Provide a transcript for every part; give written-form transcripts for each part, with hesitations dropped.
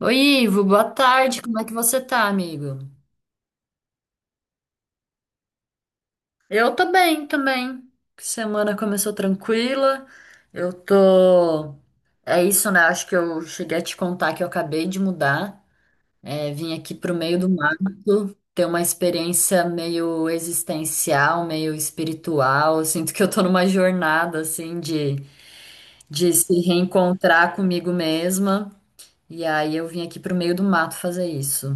Oi, Ivo, boa tarde. Como é que você tá, amigo? Eu tô bem também. Semana começou tranquila. Eu tô. É isso, né? Acho que eu cheguei a te contar que eu acabei de mudar. É, vim aqui pro meio do mato, ter uma experiência meio existencial, meio espiritual. Eu sinto que eu tô numa jornada, assim, de se reencontrar comigo mesma. E aí eu vim aqui pro meio do mato fazer isso.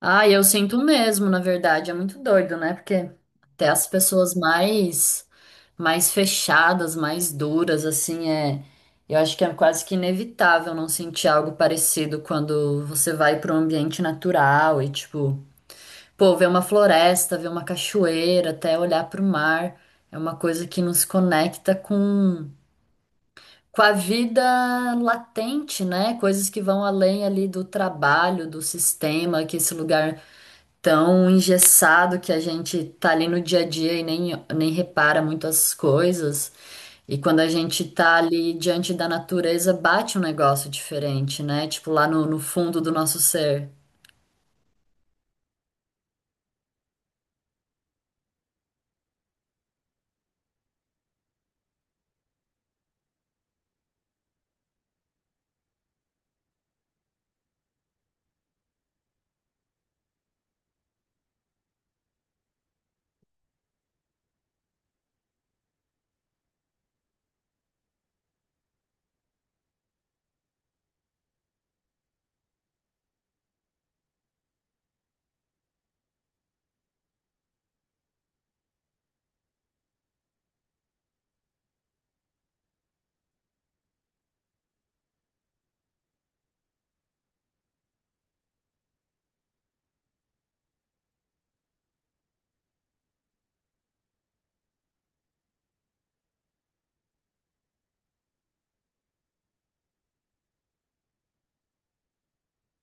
Ah, eu sinto mesmo, na verdade, é muito doido, né? Porque até as pessoas mais fechadas, mais duras, assim, é, eu acho que é quase que inevitável não sentir algo parecido quando você vai para um ambiente natural e tipo, pô, ver uma floresta, ver uma cachoeira, até olhar para o mar, é uma coisa que nos conecta com a vida latente, né? Coisas que vão além ali do trabalho, do sistema que esse lugar tão engessado que a gente tá ali no dia a dia e nem, nem repara muito as coisas. E quando a gente tá ali diante da natureza, bate um negócio diferente, né? Tipo lá no, no fundo do nosso ser.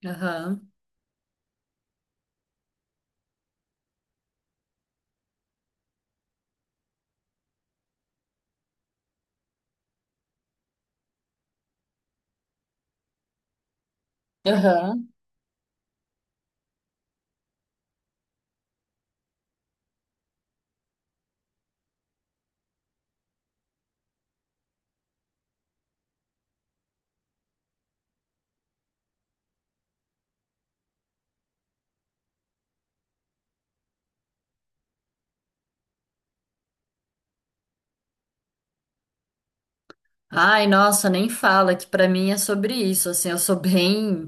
Aham. Aham. Ai, nossa, nem fala, que pra mim é sobre isso, assim, eu sou bem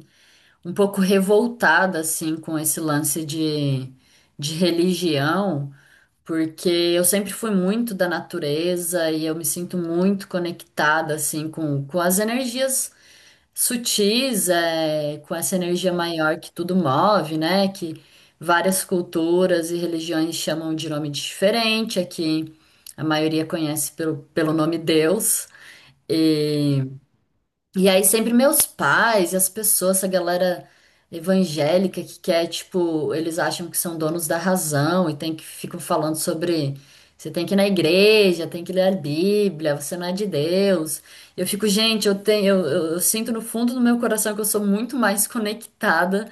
um pouco revoltada assim com esse lance de religião. Porque eu sempre fui muito da natureza e eu me sinto muito conectada assim com as energias sutis, é, com essa energia maior que tudo move, né? Que várias culturas e religiões chamam de nome diferente, aqui a maioria conhece pelo, pelo nome Deus. E e aí sempre meus pais e as pessoas, essa galera evangélica que quer, tipo, eles acham que são donos da razão e tem que ficam falando sobre você tem que ir na igreja, tem que ler a Bíblia, você não é de Deus. Eu fico, gente, eu tenho, eu sinto no fundo do meu coração que eu sou muito mais conectada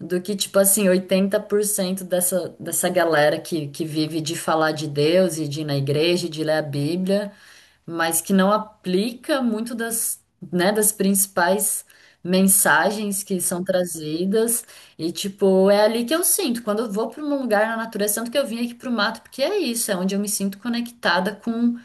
do que, tipo assim, 80% dessa, dessa galera que vive de falar de Deus e de ir na igreja, e de ler a Bíblia, mas que não aplica muito das, né, das principais mensagens que são trazidas. E, tipo, é ali que eu sinto. Quando eu vou para um lugar na natureza, tanto que eu vim aqui pro mato, porque é isso, é onde eu me sinto conectada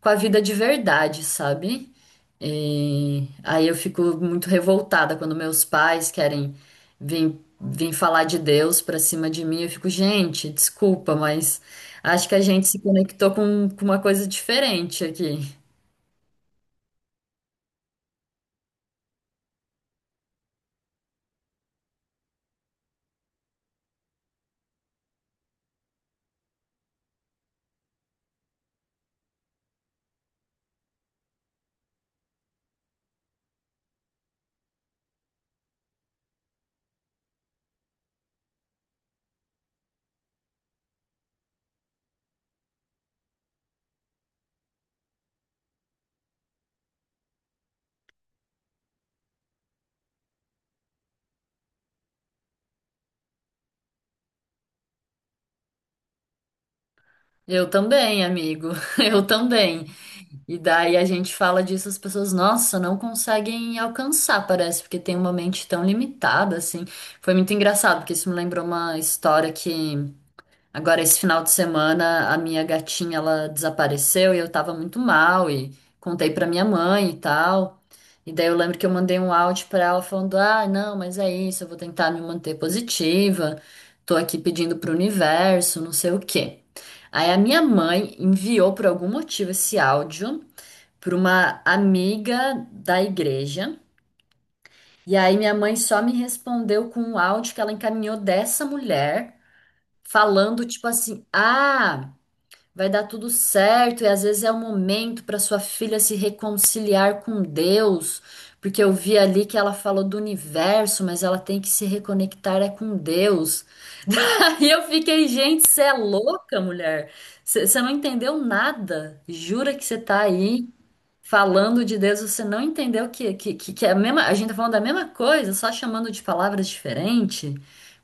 com a vida de verdade, sabe? E aí eu fico muito revoltada quando meus pais querem vir falar de Deus pra cima de mim. Eu fico, gente, desculpa, mas acho que a gente se conectou com uma coisa diferente aqui. Eu também, amigo. Eu também. E daí a gente fala disso, as pessoas, nossa, não conseguem alcançar, parece, porque tem uma mente tão limitada, assim. Foi muito engraçado, porque isso me lembrou uma história que. Agora, esse final de semana, a minha gatinha, ela desapareceu e eu tava muito mal e contei pra minha mãe e tal. E daí eu lembro que eu mandei um áudio pra ela falando: "Ah, não, mas é isso, eu vou tentar me manter positiva. Tô aqui pedindo pro universo, não sei o quê". Aí a minha mãe enviou por algum motivo esse áudio pra uma amiga da igreja. E aí minha mãe só me respondeu com um áudio que ela encaminhou dessa mulher, falando tipo assim: "Ah, vai dar tudo certo, e às vezes é o momento para sua filha se reconciliar com Deus, porque eu vi ali que ela falou do universo, mas ela tem que se reconectar é com Deus". Daí eu fiquei, gente, você é louca, mulher. Você não entendeu nada. Jura que você tá aí falando de Deus, você não entendeu que, que é a mesma, a gente tá falando da mesma coisa, só chamando de palavras diferentes.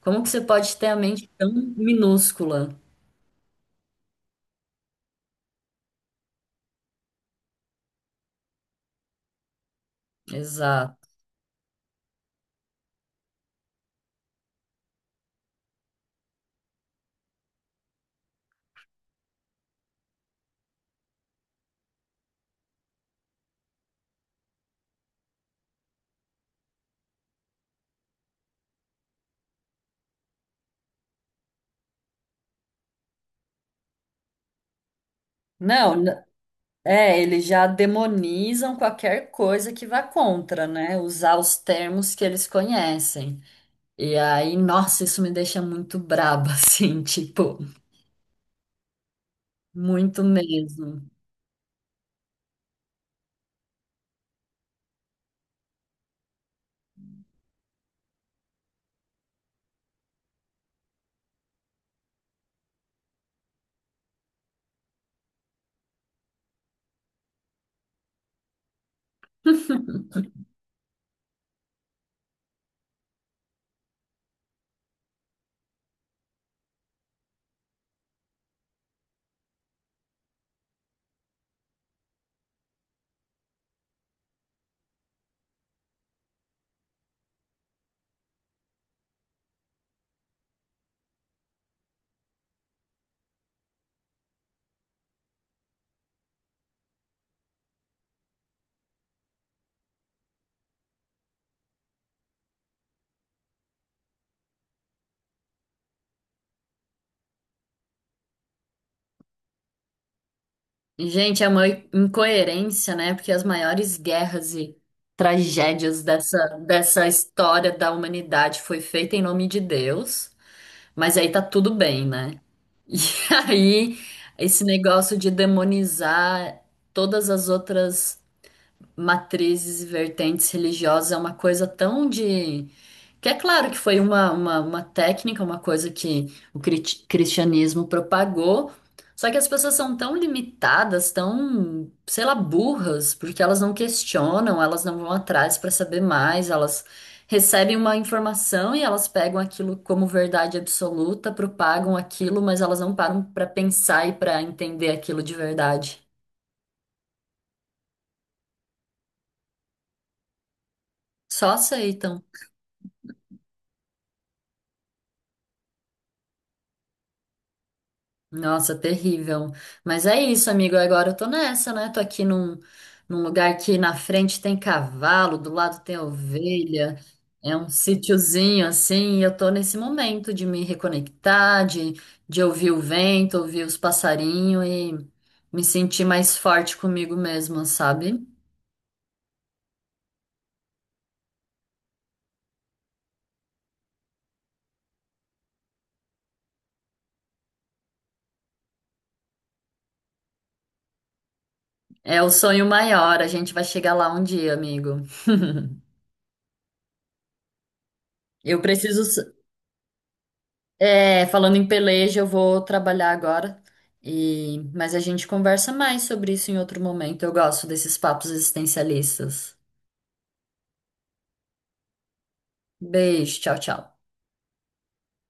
Como que você pode ter a mente tão minúscula? Exato. Não. É, eles já demonizam qualquer coisa que vá contra, né? Usar os termos que eles conhecem. E aí, nossa, isso me deixa muito braba, assim, tipo, muito mesmo. E, gente, é uma incoerência, né? Porque as maiores guerras e tragédias dessa, dessa história da humanidade foi feita em nome de Deus, mas aí tá tudo bem, né? E aí, esse negócio de demonizar todas as outras matrizes e vertentes religiosas é uma coisa tão de. Que é claro que foi uma técnica, uma coisa que o cristianismo propagou, só que as pessoas são tão limitadas, tão, sei lá, burras, porque elas não questionam, elas não vão atrás para saber mais, elas recebem uma informação e elas pegam aquilo como verdade absoluta, propagam aquilo, mas elas não param para pensar e para entender aquilo de verdade. Só aceitam. Nossa, terrível. Mas é isso, amigo. Agora eu tô nessa, né? Tô aqui num, num lugar que na frente tem cavalo, do lado tem ovelha. É um sítiozinho assim. E eu tô nesse momento de me reconectar, de ouvir o vento, ouvir os passarinhos e me sentir mais forte comigo mesma, sabe? É o sonho maior. A gente vai chegar lá um dia, amigo. Eu preciso. É, falando em peleja, eu vou trabalhar agora. E... Mas a gente conversa mais sobre isso em outro momento. Eu gosto desses papos existencialistas. Beijo, tchau, tchau.